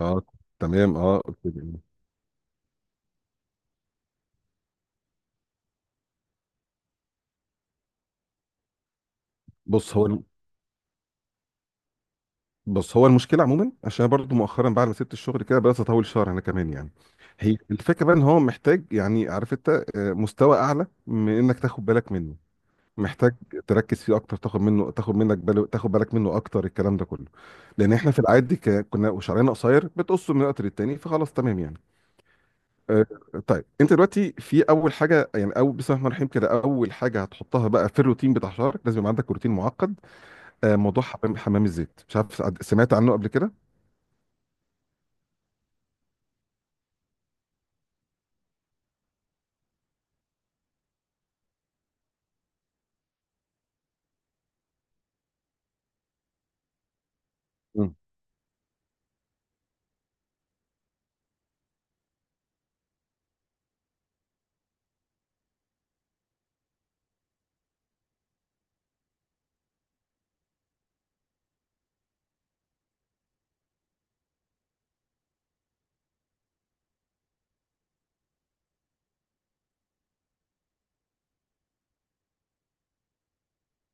اه، تمام. اه، قلت لي. إيه. بص هو الم- بص هو المشكله عموما عشان أنا برضو مؤخرا بعد ما سبت الشغل كده بدات اطول شهر انا كمان يعني. هي الفكره بقى ان هو محتاج، يعني عارف انت، مستوى اعلى من انك تاخد بالك منه. محتاج تركز فيه اكتر، تاخد منه، تاخد منك بالو، تاخد بالك منه اكتر، الكلام ده كله. لان احنا في العادي كنا شعرنا قصير بتقصه من وقت للتاني فخلاص تمام يعني. آه، طيب انت دلوقتي في اول حاجه، يعني اول بسم الله الرحمن الرحيم كده، اول حاجه هتحطها بقى في الروتين بتاع شعرك لازم يبقى عندك روتين معقد. موضوع حمام الزيت، مش عارف سمعت عنه قبل كده؟ امم.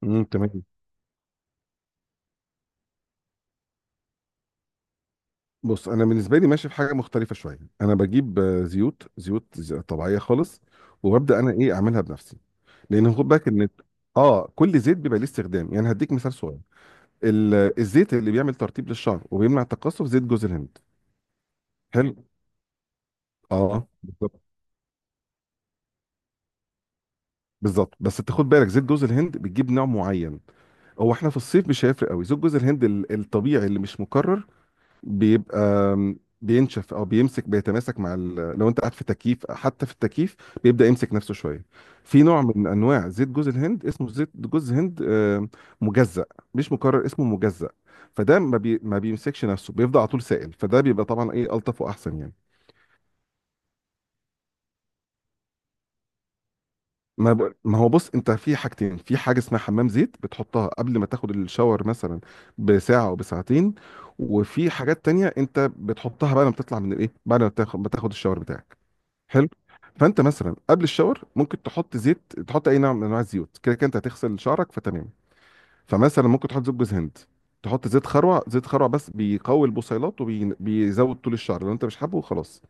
امم، تمام. بص انا بالنسبه لي ماشي في حاجه مختلفه شويه، انا بجيب زيوت طبيعيه خالص، وببدا انا ايه اعملها بنفسي. لان خد بالك ان اه كل زيت بيبقى ليه استخدام. يعني هديك مثال صغير، الزيت اللي بيعمل ترطيب للشعر وبيمنع التقصف زيت جوز الهند. حلو. اه بالظبط. بالظبط، بس انت خد بالك زيت جوز الهند بتجيب نوع معين. هو احنا في الصيف مش هيفرق قوي. زيت جوز الهند الطبيعي اللي مش مكرر بيبقى بينشف او بيمسك، بيتماسك مع لو انت قاعد في تكييف، حتى في التكييف بيبدا يمسك نفسه شويه. في نوع من انواع زيت جوز الهند اسمه زيت جوز هند مجزأ، مش مكرر، اسمه مجزأ. فده ما بيمسكش نفسه، بيفضل على طول سائل، فده بيبقى طبعا ايه الطف واحسن يعني. ما هو بص، انت في حاجتين، في حاجه اسمها حمام زيت بتحطها قبل ما تاخد الشاور مثلا بساعه او بساعتين، وفي حاجات تانية انت بتحطها بعد ما بتطلع من الايه، بعد ما بتاخد الشاور بتاعك. حلو. فانت مثلا قبل الشاور ممكن تحط زيت، تحط اي نوع من انواع الزيوت، كده كده انت هتغسل شعرك فتمام. فمثلا ممكن تحط زيت جوز هند، تحط زيت خروع. زيت خروع بس بيقوي البصيلات وبيزود طول الشعر، لو انت مش حابه خلاص.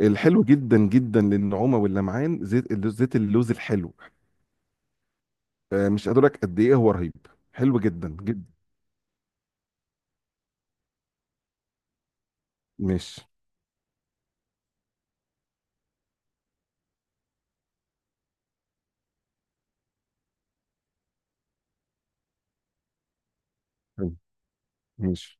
الحلو جدا جدا للنعومه واللمعان زيت زيت اللوز الحلو. مش قادر لك قد ايه هو رهيب، حلو جدا جدا. ماشي. حلو. ماشي،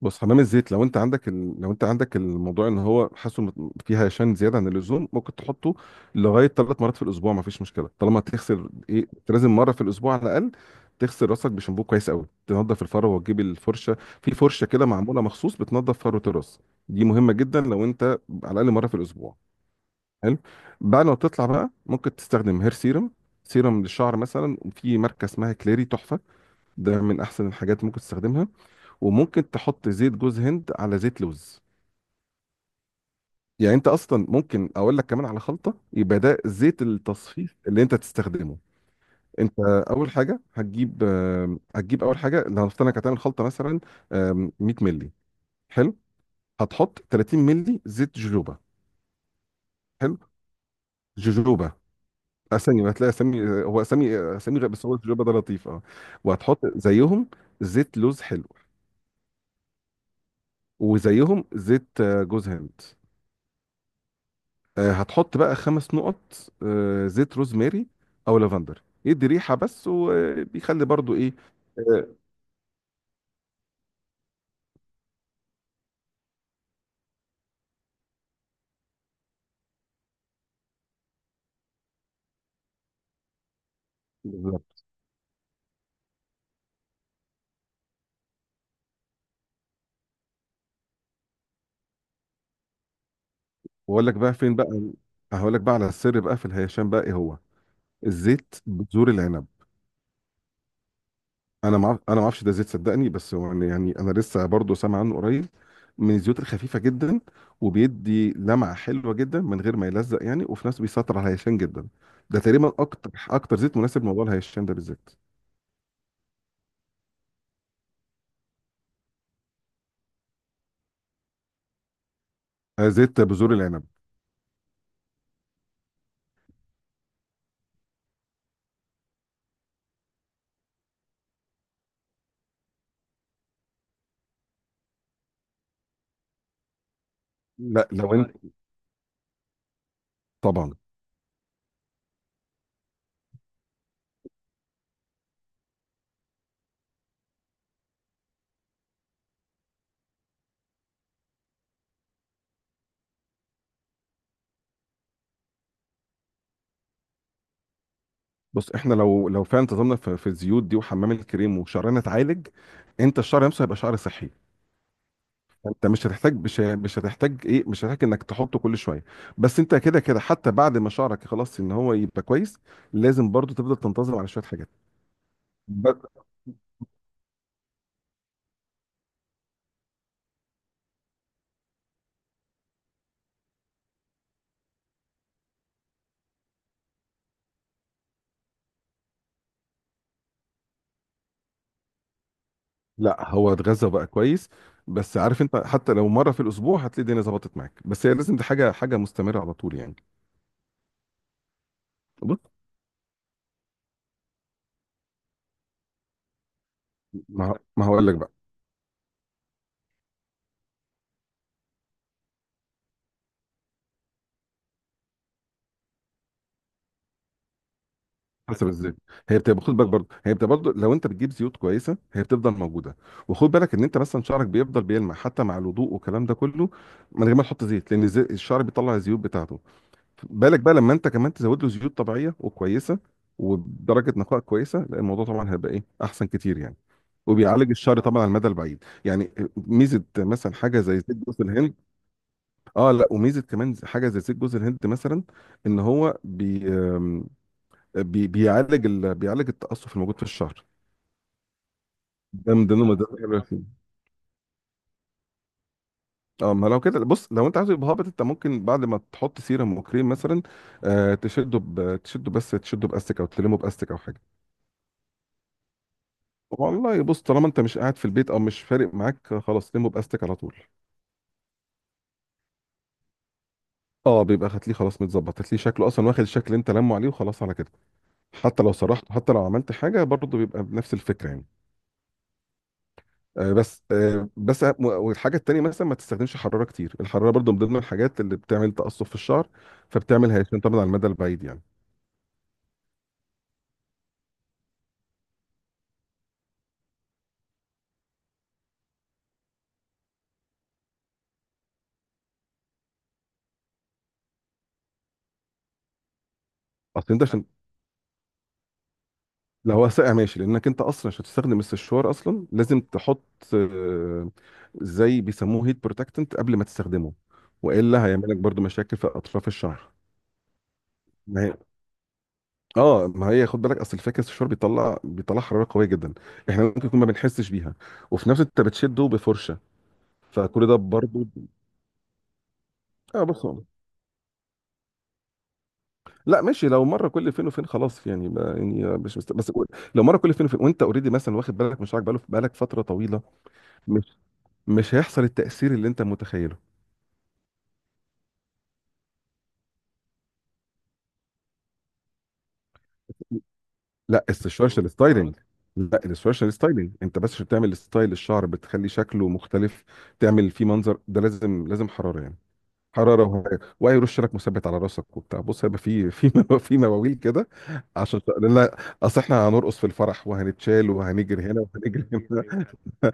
بص حمام الزيت لو انت عندك لو انت عندك الموضوع ان هو حاسه فيه هشام زياده عن اللزوم، ممكن تحطه لغايه 3 مرات في الاسبوع ما فيش مشكله، طالما تغسل ايه، انت لازم مره في الاسبوع على الاقل تغسل راسك بشامبو كويس قوي، تنظف الفروه وتجيب الفرشه. في فرشه كده معموله مخصوص بتنظف فروه الراس، دي مهمه جدا، لو انت على الاقل مره في الاسبوع. حلو. بعد ما تطلع بقى ممكن تستخدم هير سيرم، سيرم للشعر مثلا، وفي ماركه اسمها كليري تحفه، ده من احسن الحاجات ممكن تستخدمها. وممكن تحط زيت جوز هند على زيت لوز. يعني انت اصلا ممكن اقول لك كمان على خلطه، يبقى ده زيت التصفيف اللي انت تستخدمه. انت اول حاجه هتجيب هتجيب اول حاجه، لو هنفترض انك هتعمل خلطه مثلا، 100 مللي. حلو. هتحط 30 مللي زيت جوجوبا. حلو. جوجوبا. اسامي، هتلاقي اسامي، هو اسامي اسامي غير، بس هو جوجوبا ده لطيف اه. وهتحط زيهم زيت لوز حلو. وزيهم زيت جوز هند. هتحط بقى 5 نقط زيت روزماري او لافندر، يدي ريحه بس، وبيخلي برضو ايه. آه، بالظبط. واقول لك بقى فين بقى، هقول لك بقى على السر بقى في الهيشان بقى، ايه هو؟ الزيت بذور العنب. انا ما اعرفش ده زيت صدقني، بس هو يعني، يعني انا لسه برضو سامع عنه قريب. من الزيوت الخفيفه جدا، وبيدي لمعه حلوه جدا من غير ما يلزق يعني، وفي نفس بيسيطر على الهيشان جدا. ده تقريبا اكتر زيت مناسب لموضوع الهيشان ده بالذات. زيت بذور العنب. لا لو انت طبعا. بص احنا لو فعلا انتظمنا في الزيوت دي وحمام الكريم وشعرنا اتعالج، انت الشعر نفسه هيبقى شعر صحي. انت مش هتحتاج، مش مش هتحتاج ايه، مش هتحتاج انك تحطه كل شويه. بس انت كده كده، حتى بعد ما شعرك خلاص ان هو يبقى كويس، لازم برضو تفضل تنتظم على شويه حاجات. ب... لا هو اتغذى بقى كويس. بس عارف انت، حتى لو مره في الاسبوع هتلاقي الدنيا ظبطت معاك، بس هي لازم دي حاجه، حاجه مستمره على طول يعني. بص ما هقول لك بقى. حسب الزيت. هي بتبقى، خد بالك برضه، هي بتبقى برضه لو انت بتجيب زيوت كويسه هي بتفضل موجوده. وخد بالك ان انت مثلا شعرك بيفضل بيلمع حتى مع الوضوء والكلام ده كله، من غير ما تحط زيت، لان الشعر بيطلع الزيوت بتاعته. بالك بقى لما انت كمان تزود له زيوت طبيعيه وكويسه وبدرجه نقاء كويسه، لا الموضوع طبعا هيبقى ايه احسن كتير يعني، وبيعالج الشعر طبعا على المدى البعيد. يعني ميزه مثلا حاجه زي زيت جوز الهند. اه، لا وميزه كمان حاجه زي زيت جوز الهند مثلا، ان هو بي بيعالج بيعالج التقصف الموجود في الشعر. ده من ضمن المضادات اللي بيعمل فيه. اه ما لو كده، بص لو انت عايز يبقى هابط انت ممكن بعد ما تحط سيرم وكريم مثلا، آه تشده تشده، بس تشده باستك او تلمه باستك او حاجه. والله بص، طالما انت مش قاعد في البيت او مش فارق معاك، خلاص لمه باستك على طول. اه بيبقى، هتلاقيه خلاص متظبط، هتلاقيه شكله اصلا واخد الشكل اللي انت لمه عليه وخلاص على كده. حتى لو سرحته، حتى لو عملت حاجه، برضه بيبقى بنفس الفكره يعني. والحاجه التانيه مثلا، ما تستخدمش حراره كتير. الحراره برضو من ضمن الحاجات اللي بتعمل تقصف في الشعر، فبتعمل هيشان طبعا على المدى البعيد يعني. اصل انت عشان، لو هو ساقع ماشي، لانك انت اصلا عشان تستخدم السشوار اصلا لازم تحط آه، زي بيسموه هيت بروتكتنت قبل ما تستخدمه، والا هيعمل لك برضو مشاكل في اطراف الشعر. ما هي، اه ما هي، خد بالك اصل الفكره السشوار بيطلع حراره قويه جدا، احنا ممكن يكون ما بنحسش بيها، وفي نفس الوقت انت بتشده بفرشه، فكل ده برضو. اه بص، لا ماشي، لو مره كل فين وفين خلاص يعني، ما يعني مش لو مره كل فين وفين وانت اوريدي مثلا واخد بالك من شعرك بقاله بقالك فتره طويله، مش مش هيحصل التاثير اللي انت متخيله. لا السوشيال ستايلينج. لا السوشيال ستايلينج انت بس عشان تعمل ستايل الشعر، بتخلي شكله مختلف، تعمل فيه منظر، ده لازم لازم حراره يعني. حراره وهيرش لك مثبت على راسك وبتاع. بص هيبقى في، في في مواويل كده عشان، لا اصل احنا هنرقص في الفرح وهنتشال وهنجري هنا وهنجري هنا،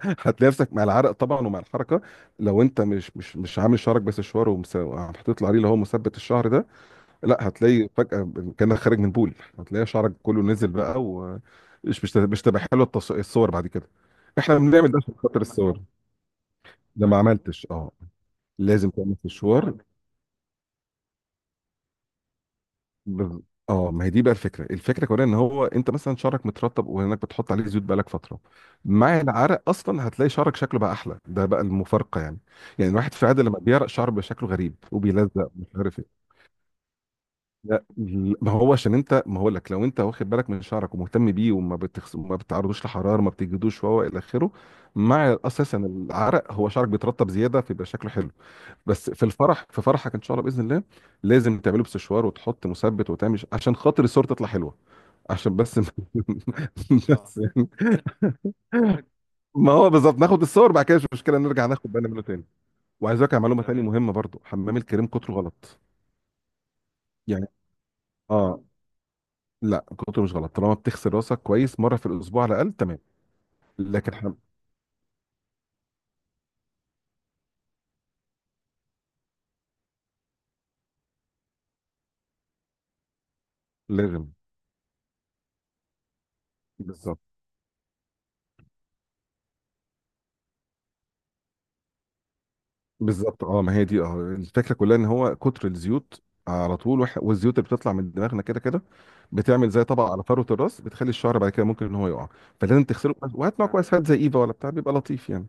هتلاقي نفسك مع العرق طبعا ومع الحركه. لو انت مش عامل شعرك بس شوار ومس- وحاطط له عليه اللي هو مثبت الشعر ده، لا هتلاقي فجاه كانك خارج من بول، هتلاقي شعرك كله نزل بقى، ومش مش مش تبقى حلوه الصور بعد كده. احنا بنعمل ده عشان خاطر الصور. ده ما عملتش اه، لازم تعمل في الشوار. بز... اه ما هي دي بقى الفكره، الفكره كمان ان هو انت مثلا شعرك مترطب، وانك بتحط عليه زيوت بقالك فتره، مع العرق اصلا هتلاقي شعرك شكله بقى احلى. ده بقى المفارقه يعني. يعني الواحد في العاده لما بيعرق شعره بيبقى شكله غريب وبيلزق مش عارف ايه. لا ما هو عشان انت، ما هقول لك، لو انت واخد بالك من شعرك ومهتم بيه وما ما بتعرضوش لحراره ما بتجدوش وهو الى اخره، مع اساسا العرق هو شعرك بيترطب زياده فيبقى شكله حلو. بس في الفرح، في فرحك ان شاء الله باذن الله، لازم تعمله بسشوار وتحط مثبت وتعمل عشان خاطر الصور تطلع حلوه، عشان بس اه بس يعني. ما هو بالظبط، ناخد الصور بعد كده مش مشكله، نرجع ناخد بالنا منه تاني. وعايز اقول لك على معلومه تانيه تمام، مهمه برضو، حمام الكريم كتره غلط يعني. اه لا، كتره مش غلط طالما بتغسل راسك كويس مره في الاسبوع على الاقل. تمام لكن لازم. بالظبط. بالظبط، اه ما هي دي اه الفكره كلها، ان هو كتر الزيوت على طول والزيوت اللي بتطلع من دماغنا كده كده، بتعمل زي طبقه على فروه الراس، بتخلي الشعر بعد كده ممكن ان هو يقع. فلازم تغسله كويس، وهات معاك كويس، هات زي ايفا ولا بتاع بيبقى لطيف يعني.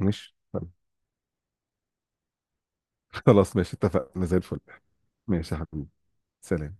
ماشي خلاص ماشي، اتفقنا زي الفل. ماشي يا حبيبي. سلام.